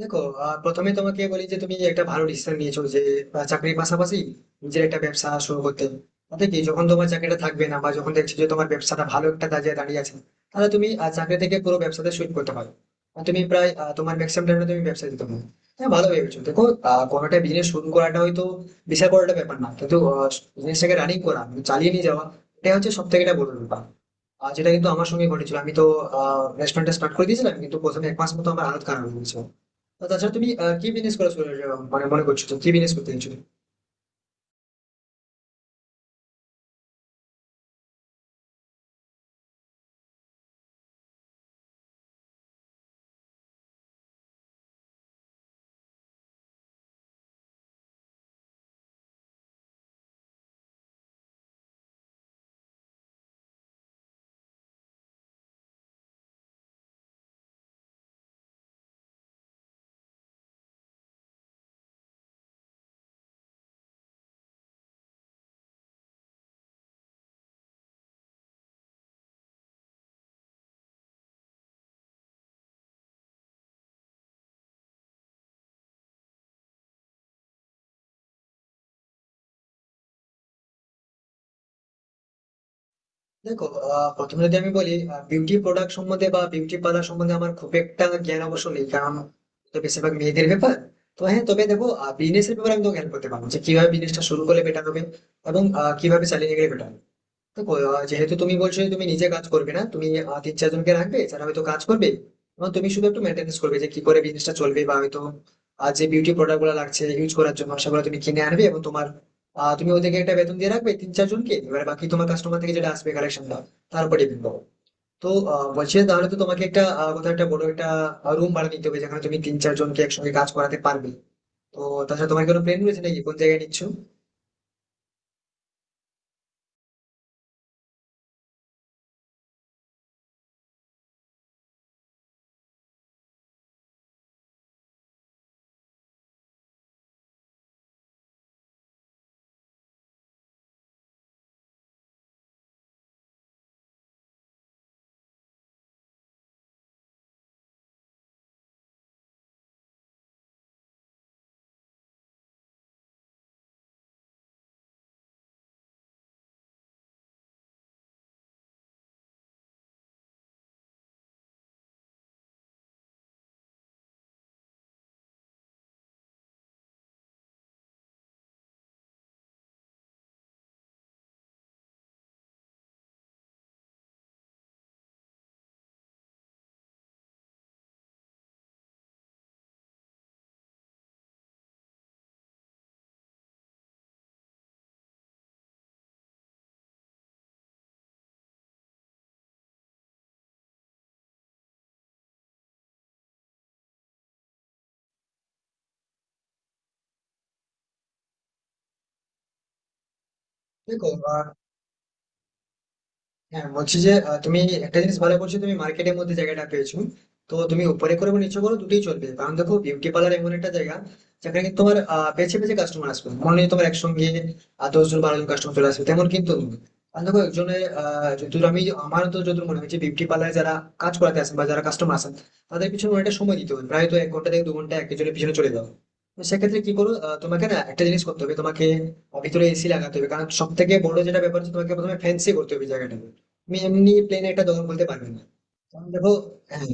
দেখো, প্রথমে তোমাকে বলি যে তুমি একটা ভালো ডিসিশন নিয়েছো, যে চাকরির পাশাপাশি নিজের একটা ব্যবসা শুরু করতে। তাতে কি, যখন তোমার চাকরিটা থাকবে না বা যখন দেখছো যে তোমার ব্যবসাটা ভালো একটা দাঁড়িয়ে দাঁড়িয়ে আছে, তাহলে তুমি চাকরি থেকে পুরো ব্যবসাতে সুইচ করতে পারো। আর তুমি প্রায় তোমার ম্যাক্সিমাম টাইমে তুমি ব্যবসা দিতে পারো। হ্যাঁ, ভালো ভেবেছো। দেখো, কোনো একটা বিজনেস শুরু করাটা হয়তো বিশাল বড় একটা ব্যাপার না, কিন্তু বিজনেসটাকে রানিং করা মানে চালিয়ে নিয়ে যাওয়া, এটা হচ্ছে সব থেকে একটা বড় ব্যাপার। আর যেটা কিন্তু আমার সঙ্গে ঘটেছিল, আমি তো রেস্টুরেন্টটা স্টার্ট করে দিয়েছিলাম, কিন্তু প্রথমে 1 মাস মতো আমার হালত খারাপ হয়েছিল। তো তাছাড়া তুমি কি বিজনেস করা শুরু মানে মনে করছো, তুমি কি বিজনেস করতে চাইছো? দেখো, প্রথমে যদি আমি বলি, বিউটি প্রোডাক্ট সম্বন্ধে বা বিউটি পার্লার সম্বন্ধে আমার খুব একটা জ্ঞান অবশ্য নেই, কারণ তো বেশিরভাগ মেয়েদের ব্যাপার। তো হ্যাঁ, তবে দেখো, বিজনেস এর ব্যাপারে আমি তোমাকে হেল্প করতে পারবো, যে কিভাবে বিজনেসটা শুরু করলে বেটার হবে এবং কিভাবে চালিয়ে গেলে বেটার। দেখো, যেহেতু তুমি বলছো যে তুমি নিজে কাজ করবে না, তুমি তিন চারজনকে রাখবে যারা হয়তো কাজ করবে, এবং তুমি শুধু একটু মেনটেনেন্স করবে যে কি করে বিজনেসটা চলবে, বা হয়তো যে বিউটি প্রোডাক্ট গুলো লাগছে ইউজ করার জন্য, সেগুলো তুমি কিনে আনবে, এবং তোমার তুমি ওদেরকে একটা বেতন দিয়ে রাখবে, তিন চারজনকে। এবার বাকি তোমার কাস্টমার থেকে যেটা আসবে কালেকশনটা, তার উপরে ডিপেন্ড করো। তো বলছি যে, তাহলে তো তোমাকে একটা কোথাও একটা বড় একটা রুম ভাড়া নিতে হবে, যেখানে তুমি তিন চারজনকে একসঙ্গে কাজ করাতে পারবে। তো তাছাড়া তোমার কোনো প্ল্যান রয়েছে নাকি, কোন জায়গায় নিচ্ছ? দেখো, হ্যাঁ বলছি যে তুমি একটা জিনিস ভালো করছো, তুমি মার্কেটের মধ্যে জায়গাটা পেয়েছো। তো তুমি উপরে করে নিচে করো, দুটোই চলবে, কারণ দেখো বিউটি পার্লার এমন একটা জায়গা যেখানে কিন্তু তোমার বেছে বেছে কাস্টমার আসবে, মনে নেই তোমার একসঙ্গে দশ জন বারো জন কাস্টমার চলে আসবে তেমন কিন্তু নয়। কারণ দেখো একজনের যতদূর আমি আমার তো যতদূর মনে হচ্ছে, বিউটি পার্লারে যারা কাজ করাতে আসেন বা যারা কাস্টমার আসেন, তাদের পিছনে অনেকটা সময় দিতে হবে, প্রায় তো 1 ঘন্টা থেকে 2 ঘন্টা একজনের পিছনে চলে যাও। তো সেক্ষেত্রে কি করো, তোমাকে না একটা জিনিস করতে হবে, তোমাকে ভিতরে এসি লাগাতে হবে, কারণ সব থেকে বড় যেটা ব্যাপার হচ্ছে, তোমাকে প্রথমে ফ্যান্সি করতে হবে জায়গাটা। তুমি এমনি প্লেন একটা দৌড় বলতে পারবে না, কারণ দেখো। হ্যাঁ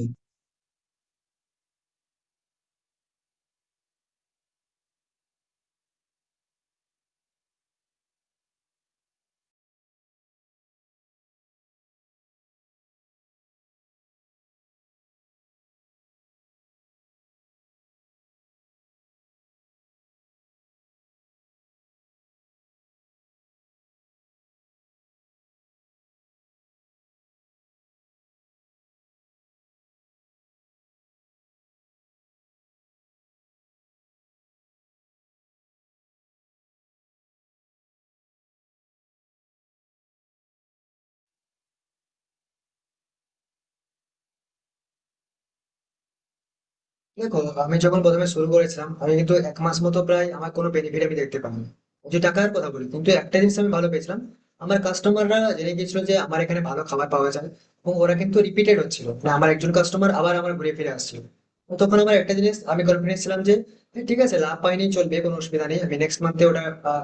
দেখো, আমি যখন প্রথমে শুরু করেছিলাম, আমি কিন্তু 1 মাস মতো প্রায় আমার কোনো বেনিফিট আমি দেখতে পাইনি, যে টাকার কথা বলি। কিন্তু একটা জিনিস আমি ভালো পেয়েছিলাম, আমার কাস্টমাররা জেনে গেছিল যে আমার এখানে ভালো খাবার পাওয়া যায়, এবং ওরা কিন্তু রিপিটেড হচ্ছিল না, আমার একজন কাস্টমার আবার আমার ঘুরে ফিরে আসছিল। তো তখন আমার একটা জিনিস, আমি কনফিডেন্স ছিলাম যে, "এ, ঠিক আছে, লাভ পাইনি চলবে, কোনো অসুবিধা নেই, আমি নেক্সট মান্থে ওটা আহ,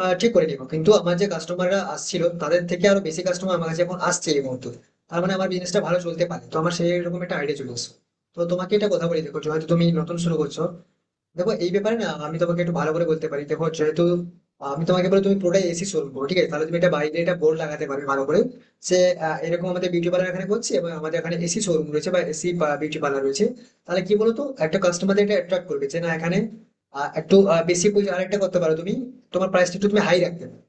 আহ, ঠিক করে নিব, কিন্তু আমার যে কাস্টমাররা আসছিল, তাদের থেকে আরো বেশি কাস্টমার আমার কাছে এখন আসছে এই মুহূর্তে। তার মানে আমার বিজনেসটা ভালো চলতে পারে, তো আমার সেই রকম একটা আইডিয়া চলে এসেছে। তো তোমাকে এটা কথা বলে দেখো, যেহেতু তুমি নতুন শুরু করছো, দেখো এই ব্যাপারে না আমি তোমাকে একটু ভালো করে বলতে পারি। দেখো, যেহেতু আমি তোমাকে বলে, তুমি পুরোটাই এসি শোরুম করো, ঠিক আছে, তাহলে তুমি এটা বাইরে এটা বোর্ড লাগাতে পারবে ভালো করে, সে এরকম আমাদের বিউটি পার্লার এখানে করছে, এবং আমাদের এখানে এসি শোরুম রয়েছে বা এসি বিউটি পার্লার রয়েছে। তাহলে কি বলতো, একটা কাস্টমারদের এটা অ্যাট্রাক্ট করবে যে, না এখানে একটু বেশি পয়সা আরেকটা করতে পারো তুমি। তোমার প্রাইসটা একটু তুমি হাই রাখতে পারো।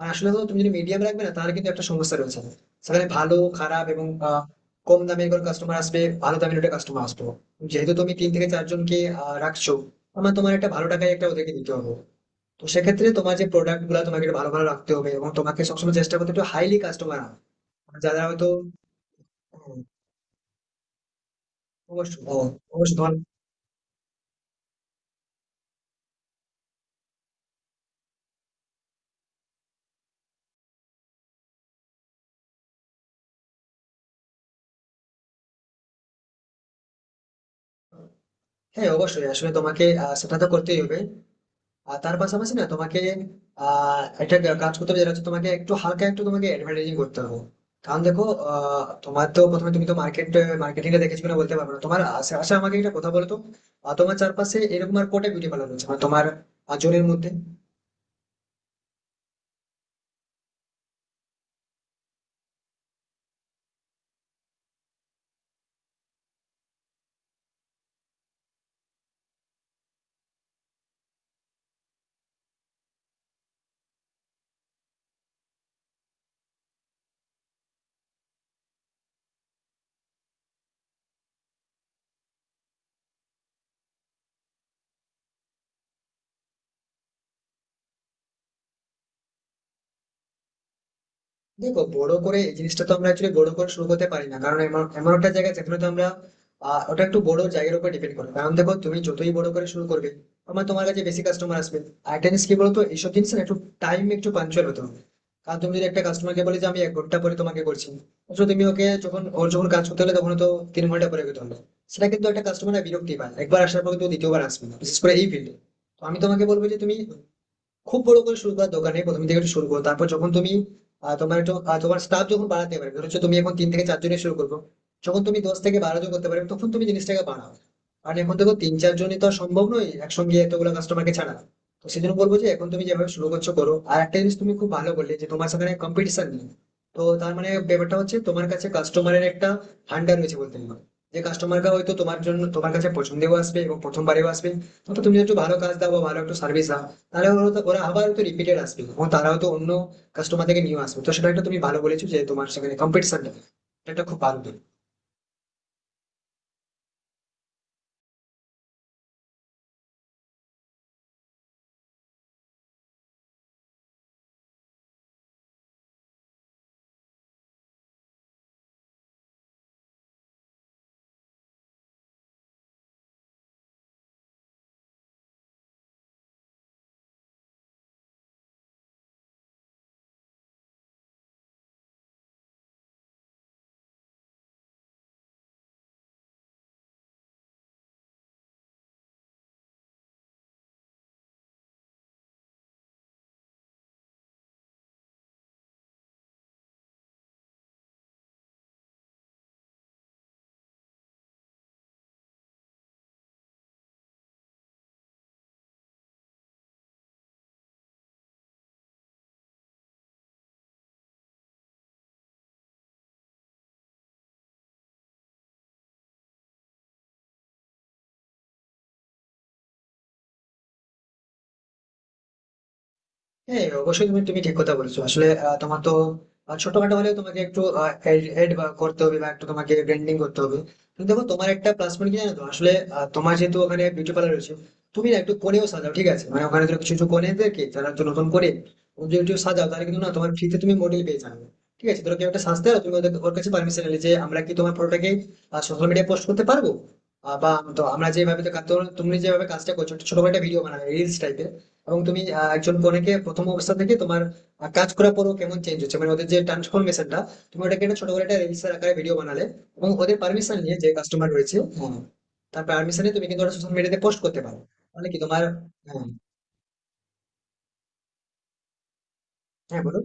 আর আসলে তো তুমি যদি মিডিয়াম রাখবে না, তাহলে কিন্তু একটা সমস্যা রয়েছে, সেখানে ভালো খারাপ এবং কম দামের কোনো কাস্টমার আসবে, ভালো দামের একটা কাস্টমার আসবে। যেহেতু তুমি তিন থেকে চারজনকে রাখছো, আমার তোমার একটা ভালো টাকায় একটা ওদেরকে দিতে হবে। তো সেক্ষেত্রে তোমার যে প্রোডাক্ট গুলো তোমাকে একটু ভালো ভালো রাখতে হবে, এবং তোমাকে সবসময় চেষ্টা করতে হবে একটু হাইলি কাস্টমার আনা, মানে যারা হয়তো... হুম, অবশ্যই। ও, অবশ্যই তোমার— হ্যাঁ অবশ্যই, আসলে তোমাকে সেটা তো করতেই হবে। আর তার পাশাপাশি না তোমাকে একটা কাজ করতে হবে, যেটা হচ্ছে তোমাকে একটু হালকা একটু তোমাকে অ্যাডভার্টাইজিং করতে হবে। কারণ দেখো, তোমার তো প্রথমে, তুমি তো মার্কেটিংটা দেখেছো কিনা বলতে পারবো না, তোমার আশেপাশে আমাকে একটা কথা বলো তো। তোমার চারপাশে এরকম আর কটা বিউটি পার্লার রয়েছে, মানে তোমার জনের মধ্যে? দেখো, বড় করে এই জিনিসটা তো আমরা অ্যাকচুয়ালি বড় করে শুরু করতে পারি না, কারণ এমন এমন একটা জায়গা যেখানে তো আমরা ওটা একটু বড় জায়গার উপর ডিপেন্ড করবে, কারণ দেখো তুমি যতই বড় করে শুরু করবে, আমার তোমার কাছে বেশি কাস্টমার আসবে। আর একটা জিনিস কি বলতো, এইসব জিনিস না একটু টাইম, একটু পাঞ্চুয়াল হতে হবে। কারণ তুমি যদি একটা কাস্টমারকে বলে যে আমি 1 ঘন্টা পরে তোমাকে করছি, অথচ তুমি ওকে যখন, ওর যখন কাজ করতে হলে তখন তো 3 ঘন্টা পরে করতে হবে, সেটা কিন্তু একটা কাস্টমার বিরক্তি পায়। একবার আসার পর কিন্তু দ্বিতীয়বার আসবে না, বিশেষ করে এই ফিল্ডে। তো আমি তোমাকে বলবো যে তুমি খুব বড় করে শুরু করার দরকার নেই, প্রথম থেকে একটু শুরু করো। তারপর যখন তুমি তোমার একটু তোমার স্টাফ যখন বাড়াতে পারবে, ধরো হচ্ছে তুমি এখন তিন থেকে চার জনে শুরু করবো, যখন তুমি দশ থেকে বারো জন করতে পারবে, তখন তুমি জিনিসটাকে বাড়াও। কারণ এখন দেখো তিন চার জনই তো আর সম্ভব নয় একসঙ্গে এতগুলো কাস্টমারকে ছাড়া। তো সেজন্য বলবো যে, এখন তুমি যেভাবে শুরু করছো করো। আর একটা জিনিস তুমি খুব ভালো বললে যে তোমার সাথে কম্পিটিশন নেই। তো তার মানে ব্যাপারটা হচ্ছে তোমার কাছে কাস্টমারের একটা ভান্ডার রয়েছে বলতে পারো। যে কাস্টমাররা হয়তো তোমার জন্য তোমার কাছে পছন্দেও আসবে এবং প্রথমবারেও আসবে। তো তুমি একটু ভালো কাজ দাও বা ভালো একটু সার্ভিস দাও, তাহলে ওরা আবার তো রিপিটেড আসবে এবং তারাও তো অন্য কাস্টমার থেকে নিয়ে আসবে। তো সেটা একটা তুমি ভালো বলেছো যে তোমার সেখানে কম্পিটিশনটা, এটা একটা খুব ভালো দিক। হ্যাঁ অবশ্যই, তুমি তুমি ঠিক কথা বলেছো। আসলে তোমার তো ছোটখাটো হলেও তোমাকে একটু এড করতে হবে, বা একটু তোমাকে ব্র্যান্ডিং করতে হবে। কিন্তু দেখো তোমার একটা প্লাস পয়েন্ট কি জানো তো, আসলে তোমার যেহেতু ওখানে বিউটি পার্লার রয়েছে, তুমি না একটু কোণেও সাজাও, ঠিক আছে, মানে ওখানে ধরো কিছু কিছু কোণেদেরকে যারা একটু নতুন করে তুমি যদি একটু সাজাও, তাহলে কিন্তু না তোমার ফ্রিতে তুমি মডেল পেয়ে যাবে। ঠিক আছে, ধরো কেউ একটা সাজতে হবে, তুমি ওর কাছে পারমিশন নিলে যে, আমরা কি তোমার ফটোটাকে সোশ্যাল মিডিয়ায় পোস্ট করতে পারবো? আহ, বা তো আমরা যেভাবে তো কা- তো তুমি যেভাবে কাজটা করছো, ছোট একটা ভিডিও বানাবে, রিলস টাইপের, এবং তুমি একজন কনেকে প্রথম অবস্থা থেকে তোমার কাজ করার পরও কেমন চেঞ্জ হচ্ছে, মানে ওদের যে ট্রান্সফরমেশনটা, তুমি ওটাকে একটা ছোট করে একটা রিলসের আকারে ভিডিও বানালে, এবং ওদের পারমিশন নিয়ে, যে কাস্টমার রয়েছে, হ্যাঁ, তার পারমিশনে তুমি কিন্তু ওটা সোশ্যাল মিডিয়াতে পোস্ট করতে পারো। তাহলে কি তোমার... হ্যাঁ হ্যাঁ বলুন।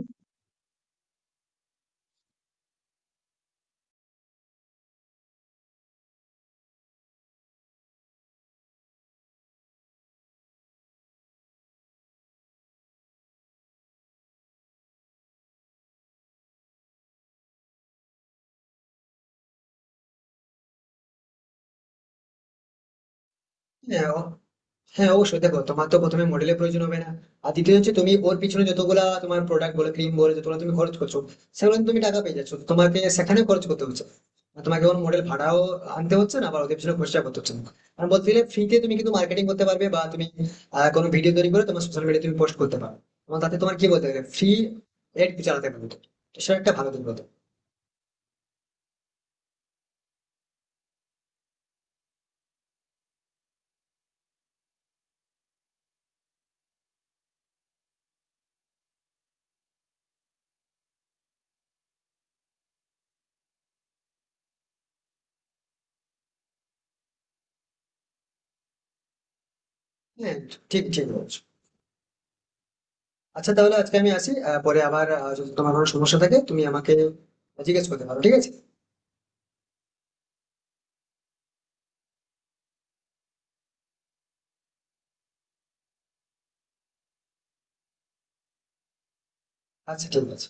হ্যাঁ, হ্যাঁ অবশ্যই, দেখো তোমার তো প্রথমে মডেলের প্রয়োজন হবে না। আর দ্বিতীয় হচ্ছে, তুমি ওর পিছনে যতগুলা তোমার প্রোডাক্ট বলো, ক্রিম বলো, যতগুলো তুমি খরচ করছো, সেগুলো কিন্তু তুমি টাকা পেয়ে যাচ্ছ, তোমাকে সেখানে খরচ করতে হচ্ছে না। আর তোমাকে ওর মডেল ভাড়াও আনতে হচ্ছে না, বা ওদের পিছনে খরচা করতে হচ্ছে না। আর বলতে গেলে ফ্রিতে তুমি কিন্তু মার্কেটিং করতে পারবে, বা তুমি কোনো ভিডিও তৈরি করে তোমার সোশ্যাল মিডিয়া তুমি পোস্ট করতে পারো, এবং তাতে তোমার, কি বলতে গেলে, ফ্রি এড চালাতে পারবে তুমি। তো সেটা একটা ভালো দিক বলতে পারো। হ্যাঁ, ঠিক ঠিক বলছো। আচ্ছা তাহলে আজকে আমি আসি, পরে আবার যদি তোমার কোনো সমস্যা থাকে তুমি আমাকে জিজ্ঞেস করতে পারো, ঠিক আছে? আচ্ছা ঠিক আছে।